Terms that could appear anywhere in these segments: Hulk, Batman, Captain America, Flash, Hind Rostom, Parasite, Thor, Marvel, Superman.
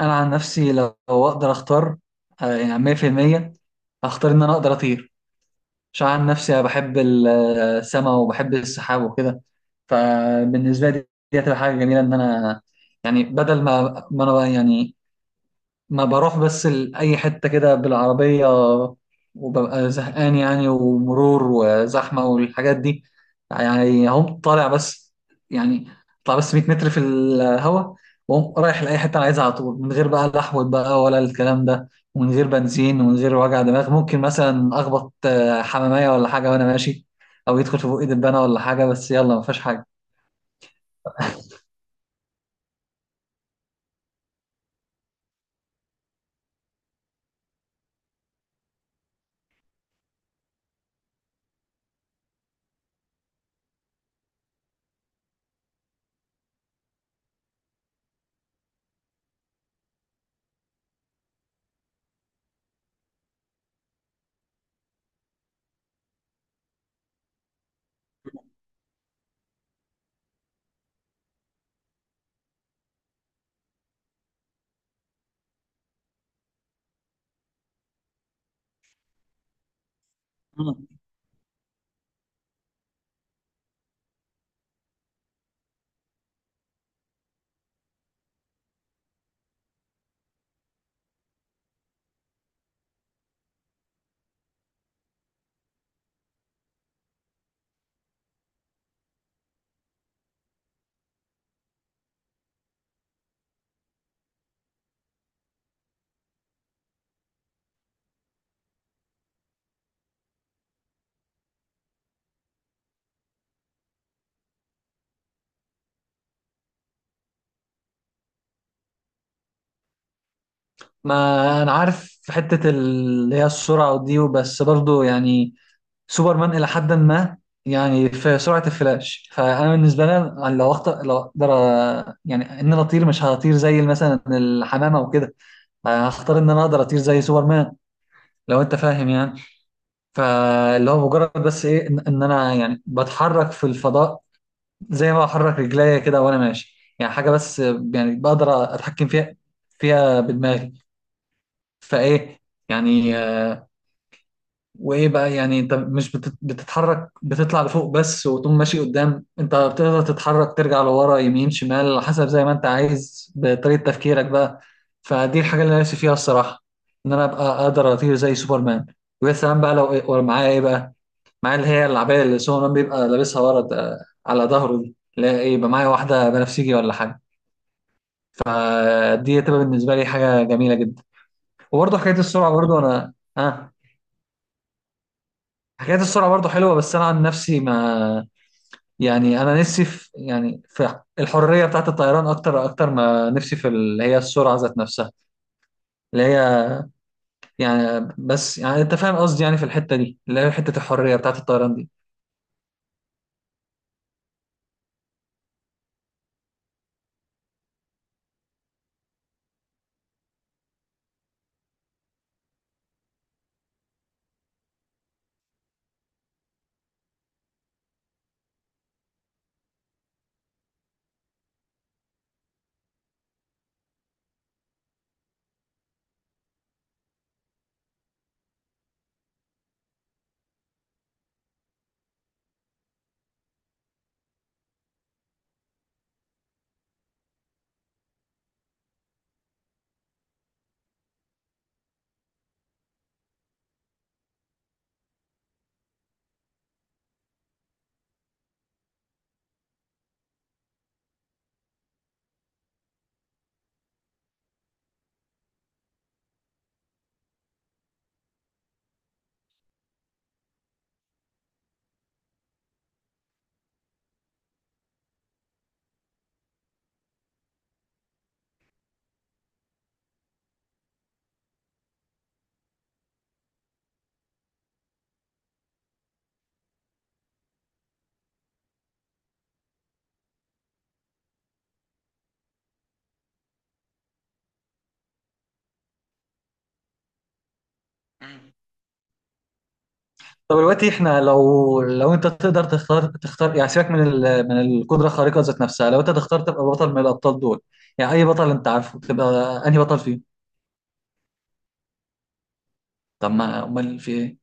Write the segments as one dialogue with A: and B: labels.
A: انا عن نفسي لو اقدر اختار يعني 100% اختار ان انا اقدر اطير، عشان عن نفسي انا بحب السماء وبحب السحاب وكده. فبالنسبه لي دي هتبقى حاجه جميله، ان انا يعني بدل ما انا بقى يعني ما بروح بس لأي حتة كده بالعربية وببقى زهقان يعني، ومرور وزحمة والحاجات دي. يعني هم طالع بس، يعني طالع بس 100 متر في الهوا، وهم رايح لأي حتة أنا عايزها على طول، من غير بقى لحوة بقى ولا الكلام ده، ومن غير بنزين ومن غير وجع دماغ. ممكن مثلا أخبط حمامية ولا حاجة وأنا ماشي، أو يدخل في بقي دبانة ولا حاجة، بس يلا ما فيهاش حاجة. مم. ما أنا عارف في حتة اللي هي السرعة ودي، بس برضو يعني سوبرمان الى حد ما. يعني في سرعه الفلاش، فانا بالنسبه لي لو اخطر، لو اقدر يعني ان انا اطير، مش هطير زي مثلا الحمامه وكده، هختار ان انا اقدر اطير زي سوبرمان، لو انت فاهم يعني. فاللي هو مجرد بس ايه، ان إن انا يعني بتحرك في الفضاء زي ما بحرك رجليا كده وانا ماشي، يعني حاجه بس يعني بقدر اتحكم فيها بدماغي. فايه يعني. وايه بقى، يعني انت مش بتتحرك بتطلع لفوق بس وتقوم ماشي قدام، انت بتقدر تتحرك ترجع لورا يمين شمال على حسب زي ما انت عايز بطريقة تفكيرك بقى. فدي الحاجة اللي انا نفسي فيها الصراحة، ان انا ابقى اقدر اطير زي سوبرمان. ويا سلام بقى لو معايا ايه بقى، معايا اللي هي العباية اللي سوبرمان بيبقى لابسها على ظهره دي، لا ايه يبقى معايا واحدة بنفسجي ولا حاجة. فدي هتبقى بالنسبة لي حاجة جميلة جدا. وبرضه حكاية السرعة، برضه انا حكاية السرعة برضه حلوة، بس انا عن نفسي ما، يعني انا نفسي في، يعني في الحريه بتاعت الطيران اكتر، اكتر ما نفسي في اللي هي السرعه ذات نفسها. اللي هي يعني بس يعني انت فاهم قصدي، يعني في الحته دي اللي هي حته الحريه بتاعت الطيران دي. مم. طب دلوقتي احنا لو انت تقدر تختار تختار، يعني سيبك من ال... من القدره الخارقه ذات نفسها، لو انت تختار تبقى بطل من الابطال دول، يعني اي بطل انت عارفه، تبقى انهي بطل فيهم؟ طب ما امال في ايه؟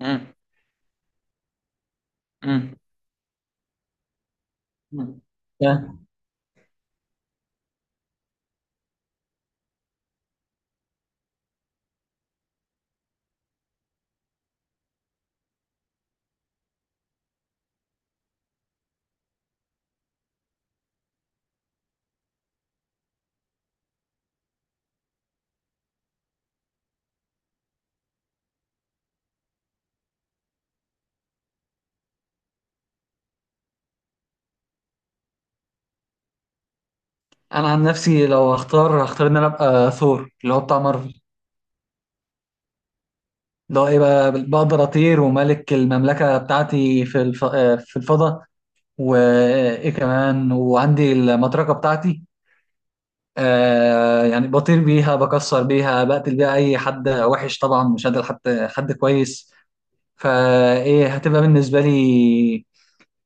A: مم. مم. مم. يعني انا عن نفسي لو هختار، هختار ان انا ابقى ثور اللي هو بتاع مارفل، اللي هو ايه بقى، بقدر اطير وملك المملكه بتاعتي في الف... آه، في الفضاء، وايه كمان، وعندي المطرقه بتاعتي. آه يعني بطير بيها، بكسر بيها، بقتل بيها اي حد وحش طبعا، مش قادر حد، حد كويس. فايه هتبقى بالنسبه لي،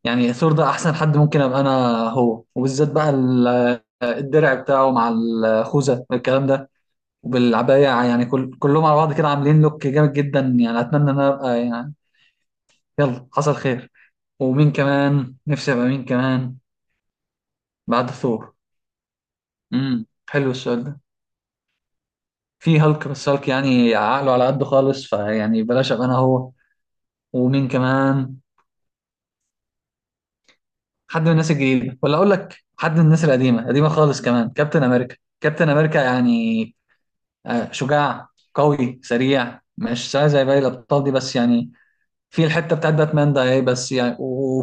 A: يعني ثور ده احسن حد ممكن ابقى انا هو، وبالذات بقى الدرع بتاعه مع الخوذه والكلام ده، وبالعبايه، يعني كل كلهم على بعض كده عاملين لوك جامد جدا. يعني اتمنى ان انا ابقى يعني، يلا حصل خير. ومين كمان نفسي ابقى، مين كمان بعد ثور؟ حلو السؤال ده. في هالك، بس هالك يعني عقله على قده خالص، فيعني بلاش ابقى انا هو. ومين كمان، حد من الناس الجديده، ولا اقول لك حد من الناس القديمه، قديمه خالص كمان، كابتن امريكا. كابتن امريكا يعني شجاع، قوي، سريع، مش سريع زي باقي الابطال دي بس يعني في الحته بتاعت باتمان ده ايه، بس يعني و...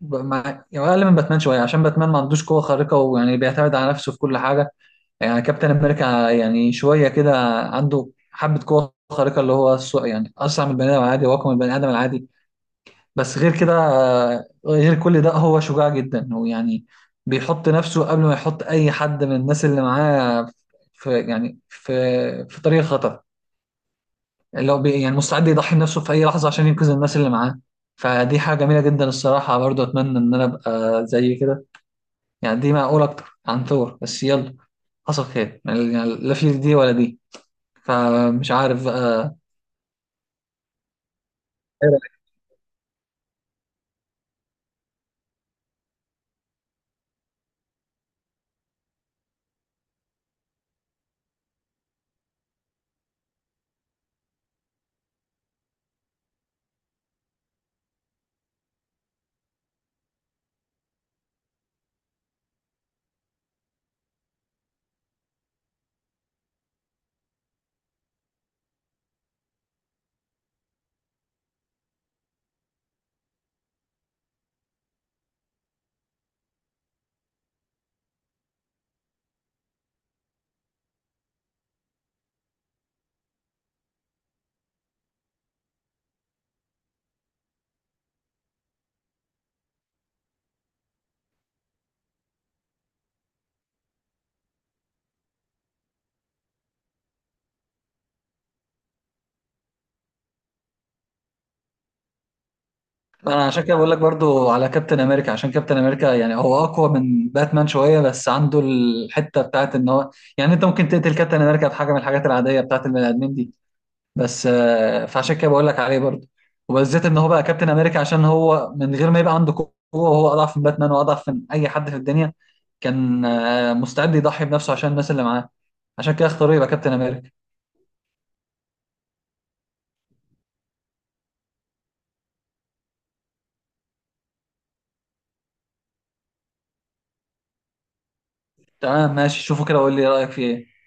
A: و- مع... يعني اقل من باتمان شويه، عشان باتمان ما عندوش قوه خارقه، ويعني بيعتمد على نفسه في كل حاجه. يعني كابتن امريكا يعني شويه كده، عنده حبه قوه خارقه، اللي هو يعني اسرع من البني ادم العادي واقوى من البني ادم العادي. بس غير كده غير كل ده هو شجاع جدا، ويعني بيحط نفسه قبل ما يحط اي حد من الناس اللي معاه في، يعني في طريق خطر، اللي هو يعني مستعد يضحي بنفسه في اي لحظه عشان ينقذ الناس اللي معاه. فدي حاجه جميله جدا الصراحه، برضو اتمنى ان انا ابقى زي كده. يعني دي معقوله اكتر عن ثور، بس يلا حصل خير يعني، لا في دي ولا دي، فمش عارف بقى. انا عشان كده بقول لك برضو على كابتن امريكا، عشان كابتن امريكا يعني هو اقوى من باتمان شويه، بس عنده الحته بتاعت ان هو، يعني انت ممكن تقتل كابتن امريكا بحاجه من الحاجات العاديه بتاعت البني ادمين دي بس، فعشان كده بقول لك عليه برضو. وبالذات ان هو بقى كابتن امريكا، عشان هو من غير ما يبقى عنده قوه، وهو اضعف من باتمان واضعف من اي حد في الدنيا، كان مستعد يضحي بنفسه عشان الناس اللي معاه، عشان كده اختاروا يبقى كابتن امريكا. تمام ماشي، شوفوا كده وقول لي رايك فيه ايه.